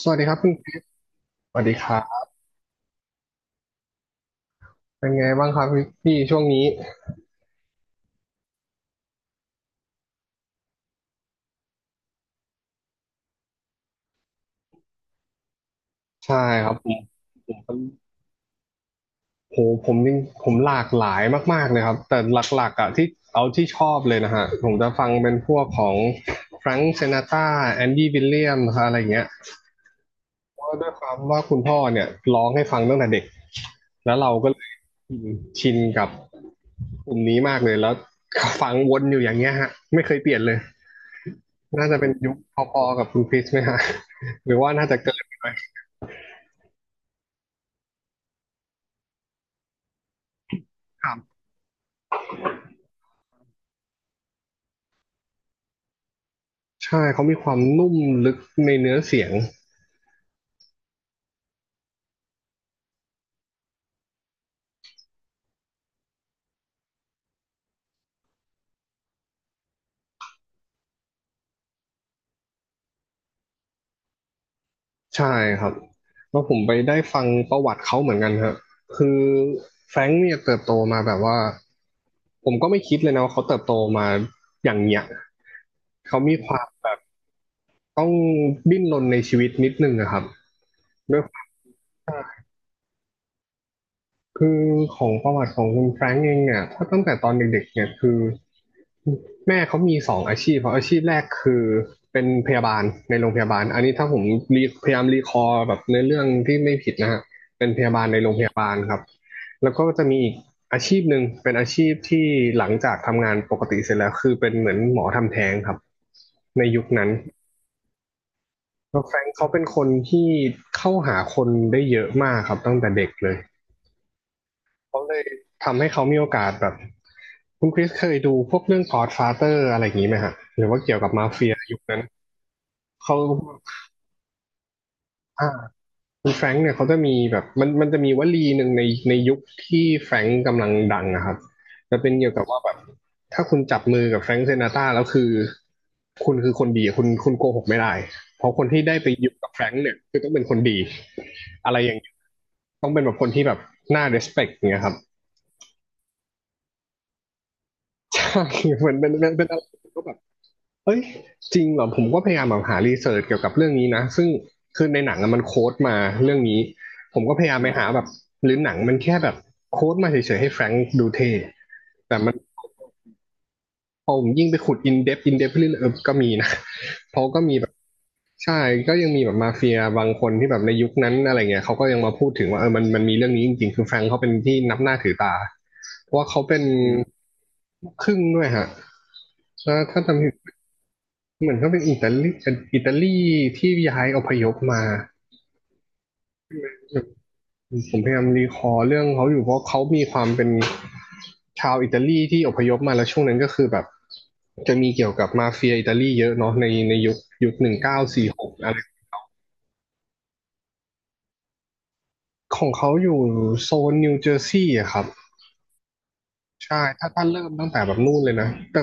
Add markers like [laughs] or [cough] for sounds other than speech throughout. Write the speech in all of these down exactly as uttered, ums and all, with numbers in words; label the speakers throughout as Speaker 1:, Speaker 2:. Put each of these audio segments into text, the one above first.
Speaker 1: สวัสดีครับพี่สวัสดีครับเป็นไงบ้างครับพี่พี่ช่วงนี้ใช่ครับผมโหผมจริงผมหลากหลายมากๆเลยครับแต่หลักๆอ่ะที่เอาที่ชอบเลยนะฮะผมจะฟังเป็นพวกของแฟรงค์ซินาตราแอนดี้วิลเลียมนะครับอะไรอย่างเงี้ยเพราะด้วยความว่าคุณพ่อเนี่ยร้องให้ฟังตั้งแต่เด็กแล้วเราก็เลยชินกับกลุ่มนี้มากเลยแล้วฟังวนอยู่อย่างเงี้ยฮะไม่เคยเปลี่ยนเลยน่าจะเป็นยุคพอๆกับคุณคริสไหมฮะหรือว่าน่าจะเกินไป ใช่ เขามีความนุ่มลึกในเนื้อเสียงใช่ครับแล้วผมไปได้ฟังประวัติเขาเหมือนกันครับคือแฟรงค์เนี่ยเติบโตมาแบบว่าผมก็ไม่คิดเลยนะว่าเขาเติบโตมาอย่างเนี้ยเขามีความแบบต้องดิ้นรนในชีวิตนิดนึงนะครับด้วยความ คือของประวัติของคุณแฟรงก์เองเนี่ยถ้าตั้งแต่ตอนเด็กๆเนี่ยคือแม่เขามีสองอาชีพเพราะอาชีพแรกคือเป็นพยาบาลในโรงพยาบาลอันนี้ถ้าผมรีพยายามรีคอร์แบบในเรื่องที่ไม่ผิดนะฮะเป็นพยาบาลในโรงพยาบาลครับแล้วก็จะมีอีกอาชีพหนึ่งเป็นอาชีพที่หลังจากทำงานปกติเสร็จแล้วคือเป็นเหมือนหมอทำแท้งครับในยุคนั้นแล้วแฟรงก์เขาเป็นคนที่เข้าหาคนได้เยอะมากครับตั้งแต่เด็กเลย เขาเลยทำให้เขามีโอกาสแบบคุณคริสเคยดูพวกเรื่อง Godfather อะไรอย่างนี้ไหมฮะหรือว่าเกี่ยวกับมาเฟียยุคนั้นเขาอ่าคุณแฟรงค์เนี่ยเขาจะมีแบบมันมันจะมีวลีหนึ่งในในยุคที่แฟรงค์กำลังดังนะครับจะเป็นเกี่ยวกับว่าแบบถ้าคุณจับมือกับแฟรงค์เซนาตราแล้วคือคุณคือคนดีคุณคุณโกหกไม่ได้เพราะคนที่ได้ไปอยู่กับแฟรงค์เนี่ยคือต้องเป็นคนดีอะไรอย่างเงี้ยต้องเป็นแบบคนที่แบบน่า respect อย่างเงี้ยครับ [laughs] ใช่ [laughs] เหมือนเป็นเป็นเป็นอะไรก็แบบ เอ้ยจริงเหรอผมก็พยายามแบบหารีเสิร์ชเกี่ยวกับเรื่องนี้นะซึ่งคือในหนังอะมันโค้ดมาเรื่องนี้ผมก็พยายามไปหาแบบหรือหนังมันแค่แบบโค้ดมาเฉยๆให้แฟรงค์ดูเท่แต่มันพอผมยิ่งไปขุดอินเดปอินเดปเรื่อยๆเออก็มีนะเพราะก็มีแบบใช่ก็ยังมีแบบมาเฟียบางคนที่แบบในยุคนั้นอะไรเงี้ยเขาก็ยังมาพูดถึงว่าเออมันมันมีเรื่องนี้จริงๆคือแฟรงค์เขาเป็นที่นับหน้าถือตาเพราะว่าเขาเป็นครึ่งด้วยฮะถ้าถ้าจำ เหมือนก็เป็นอิตาลีอิตาลีที่ย้ายอพยพมาผมพยายามรีคอร์เรื่องเขาอยู่เพราะเขามีความเป็นชาวอิตาลีที่อพยพมาแล้วช่วงนั้นก็คือแบบจะมีเกี่ยวกับมาเฟียอิตาลีเยอะเนาะในในยุคยุคหนึ่งเก้าสี่หกอะไรของเขาอยู่โซนนิวเจอร์ซีย์อะครับใช่ถ้าถ้าเริ่มตั้งแต่แบบนู่นเลยนะแต่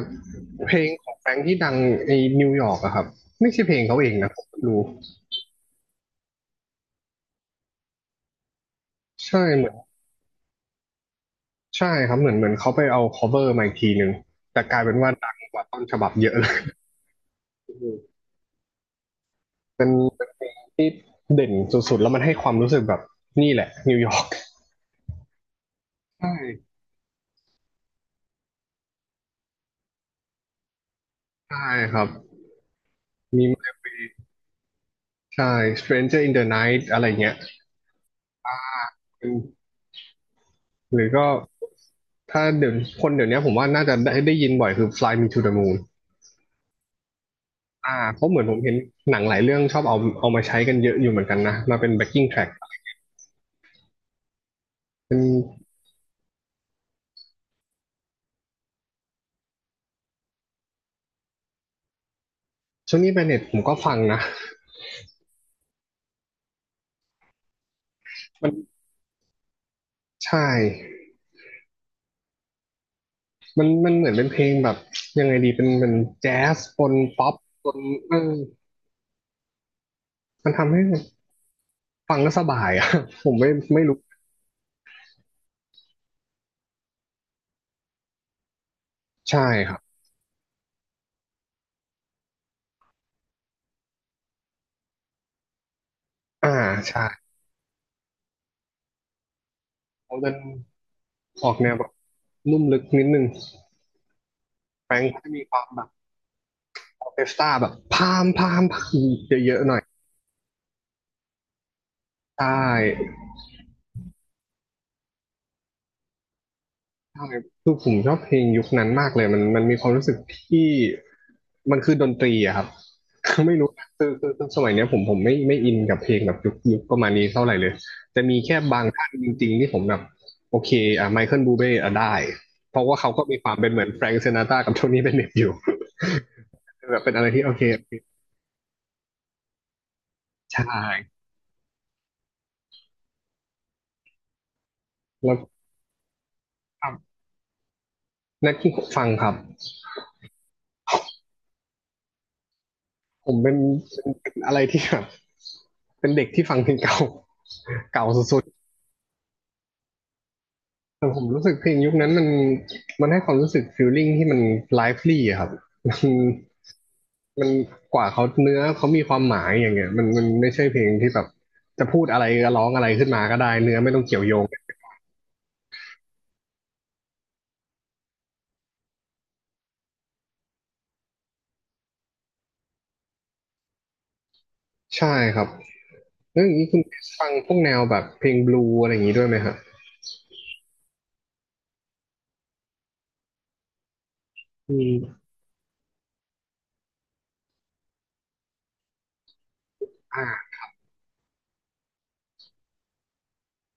Speaker 1: เพลงของแฟรงค์ที่ดังในนิวยอร์กอะครับไม่ใช่เพลงเขาเองนะผมรู้ใช่เหมือน ใช่ครับเหมือนเหมือนเขาไปเอา cover มาอีกทีหนึ่งแต่กลายเป็นว่าดังกว่าต้นฉบับเยอะเลยเป็นเป็นเพลงที่เด่นสุดๆแล้วมันให้ความรู้สึกแบบนี่แหละนิวยอร์กใช่ใช่ครับมี My Way ใช่ Stranger in the Night อะไรเงี้ยเป็หรือก็ถ้าเดี๋ยวคนเดี๋ยวนี้ผมว่าน่าจะได้ได้ยินบ่อยคือ Fly Me to the Moon อ่าเพราะเหมือนผมเห็นหนังหลายเรื่องชอบเอาเอามาใช้กันเยอะอยู่เหมือนกันนะมาเป็น backing track เป็นช่วงนี้แบนเน็ตผมก็ฟังนะมันใช่ มันมันเหมือนเป็นเพลงแบบยังไงดีเป็นเป็นแจ๊สปนป๊อปปนเออมันทำให้ฟังแล้วสบายอ่ะ [laughs] ผมไม่ไม่รู้ใช่ครับอ่าใช่เขาจะออกแนวแบบลุ่มลึกนิดนึงแฟรงค์ก็จะมีความแบบออร์เคสตราแบบพามพามพามเยอะๆหน่อยใช่ ใช่คือผมชอบเพลงยุคนั้นมากเลยมันมันมีความรู้สึกที่มันคือดนตรีอะครับ [laughs] ไม่รู้นะคือคือคือสมัยเนี้ยผมผมไม่ไม่อินกับเพลงแบบยุคยุคประมาณนี้เท่าไหร่เลยจะมีแค่บางท่านจริงๆที่ผมแบบโอเคอ่ะไมเคิลบูเบ้อ่ะได้เพราะว่าเขาก็มีความเป็นเหมือนแฟรงก์ซินาตรากับโทนี่เบนเน็ตอยู่ [laughs] แบบเป็นอะไรที่โอเคโอเคใช่แล้วครับนักฟังครับผมเป็นเป็นเป็นอะไรที่แบบเป็นเด็กที่ฟังเพลงเก่าเก่าสุด แต่ผมรู้สึกเพลงยุคนั้นมันมันให้ความรู้สึกฟีลลิ่งที่มันไลฟ์ลี่อะครับ [laughs] มันมันกว่าเขาเนื้อเขามีความหมายอย่างเงี้ยมันมันไม่ใช่เพลงที่แบบจะพูดอะไรก็ร้องอะไรขึ้นมาก็ได้เนื้อไม่ต้องเกี่ยวโยงใช่ครับเลองนี้คุณฟังพวกแนวแบบเพลงบลูอะไรอย่างนี้ด้วยไหมครับอืมอ่า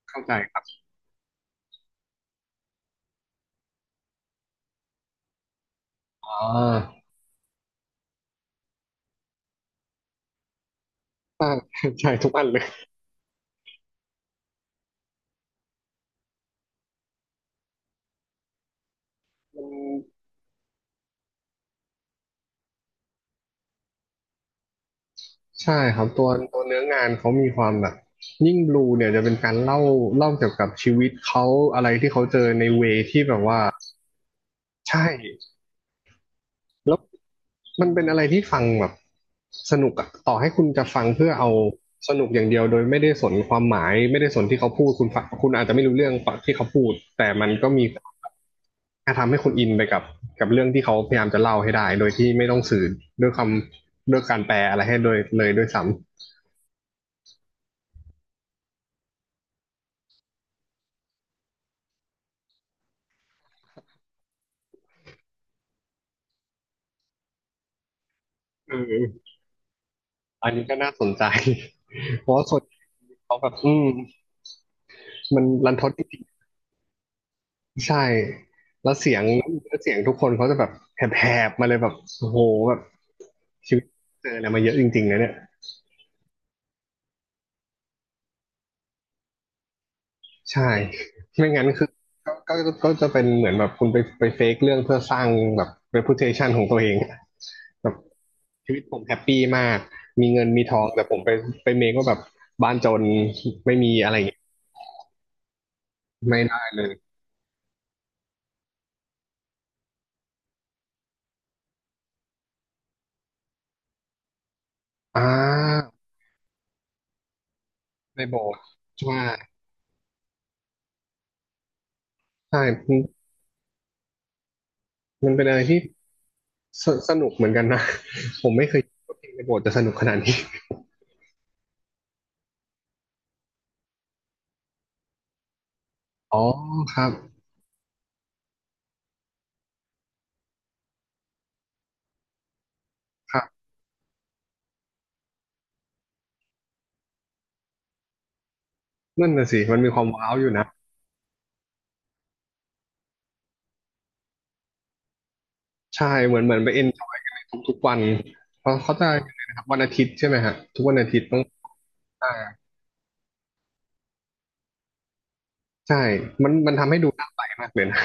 Speaker 1: เข้าใจครับอ๋อ [laughs] เข้าใจทุกอันเลย ใช่ครับตัวตัวเนื้องานเขามีความแบบยิ่งบลูเนี่ยจะเป็นการเล่าเล่าเกี่ยวกับชีวิตเขาอะไรที่เขาเจอในเวที่แบบว่าใช่แล้วมันเป็นอะไรที่ฟังแบบสนุกอะต่อให้คุณจะฟังเพื่อเอาสนุกอย่างเดียวโดยไม่ได้สนความหมายไม่ได้สนที่เขาพูดคุณฟังคุณอาจจะไม่รู้เรื่องที่เขาพูดแต่มันก็มีการทำให้คุณอินไปกับกับเรื่องที่เขาพยายามจะเล่าให้ได้โดยที่ไม่ต้องสื่อด้วยคำด้วยการแปลอะไรให้โดยเลยด้วยซ้ำเอออันนี้ก็น่าสนใจ เพราะว่าส่วนเขาแบบอืมมันรันทดจริงๆใช่แล้วเสียงแล้วเสียงทุกคนเขาจะแบบแหบๆมาเลยแบบโอ้โหแบบชีวิตเจออะไรมาเยอะจริงๆนะเนี่ยใช่ไม่งั้นคือก็ก็ก็จะเป็นเหมือนแบบคุณไปไปเฟกเรื่องเพื่อสร้างแบบ reputation ของตัวเองแบบชีวิตผมแฮปปี้มากมีเงินมีทองแต่ผมไปไปเมคว่าแบบบ้านจนไม่มีอะไรอย่างเงี้ยไม่ได้เลยอ่าในโบสถ์ใช่ใช่มันมันเป็นอะไรที่ สสนุกเหมือนกันนะ [laughs] ผมไม่เคยคิดว่าเพลงในโบสถ์จะสนุกขนาดนี้ [laughs] อ๋อครับครับนั่นน่ะสิมันมีความว้าวอยู่นะใช่เหมือนเหมือนไปเอนจอยกันในทุกๆวันเพราะเขาจะนะครับวันอาทิตย์ใช่ไหมฮะทุกวันอาทิตย์ต้องอ่าใช่มันมันทำให้ดูน่าไปมากเลยนะ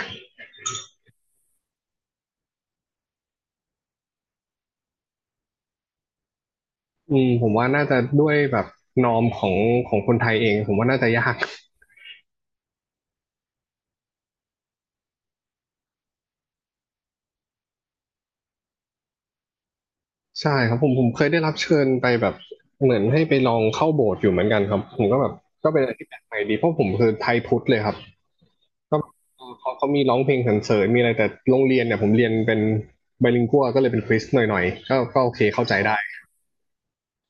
Speaker 1: อืมผมว่าน่าจะด้วยแบบนอมของของคนไทยเองผมว่าน่าจะยากใช่ครับผมผมเคยได้รับเชิญไปแบบเหมือนให้ไปลองเข้าโบสถ์อยู่เหมือนกันครับผมก็แบบก็เป็นอะไรที่แปลกใหม่ดีเพราะผมคือไทยพุทธเลยครับ ก็เออเขาเขามีร้องเพลงสรรเสริญมีอะไรแต่โรงเรียนเนี่ยผมเรียนเป็นไบลิงกัวก็เลยเป็นคริสหน่อยๆก็ก็โอเคเข้าใจได้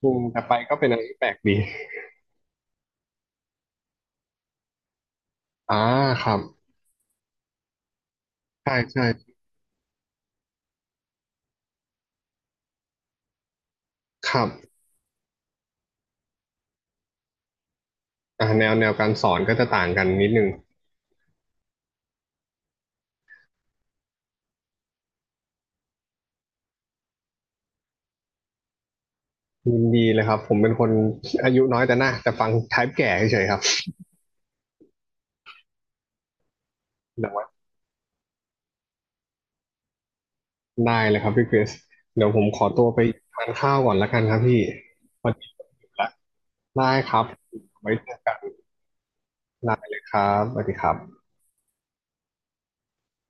Speaker 1: อืมแต่ไปก็เป็นอะไรที่แปลกดีอ่าครับ ใช่ใช่ครับอ่าแนวแนวการสอนก็จะต่างกันนิดนึงยินดีเลยครับผมเป็นคนอายุน้อยแต่หน้าแต่ฟังไทป์แก่เฉยๆครับแต่ว่าได้เลยครับพี่คริสเดี๋ยวผมขอตัวไปทานข้าวก่อนละกันครับพี่วันนี้ผมหิวละได้ครับไว้เจอกันได้เลยครับสวัสดีครับ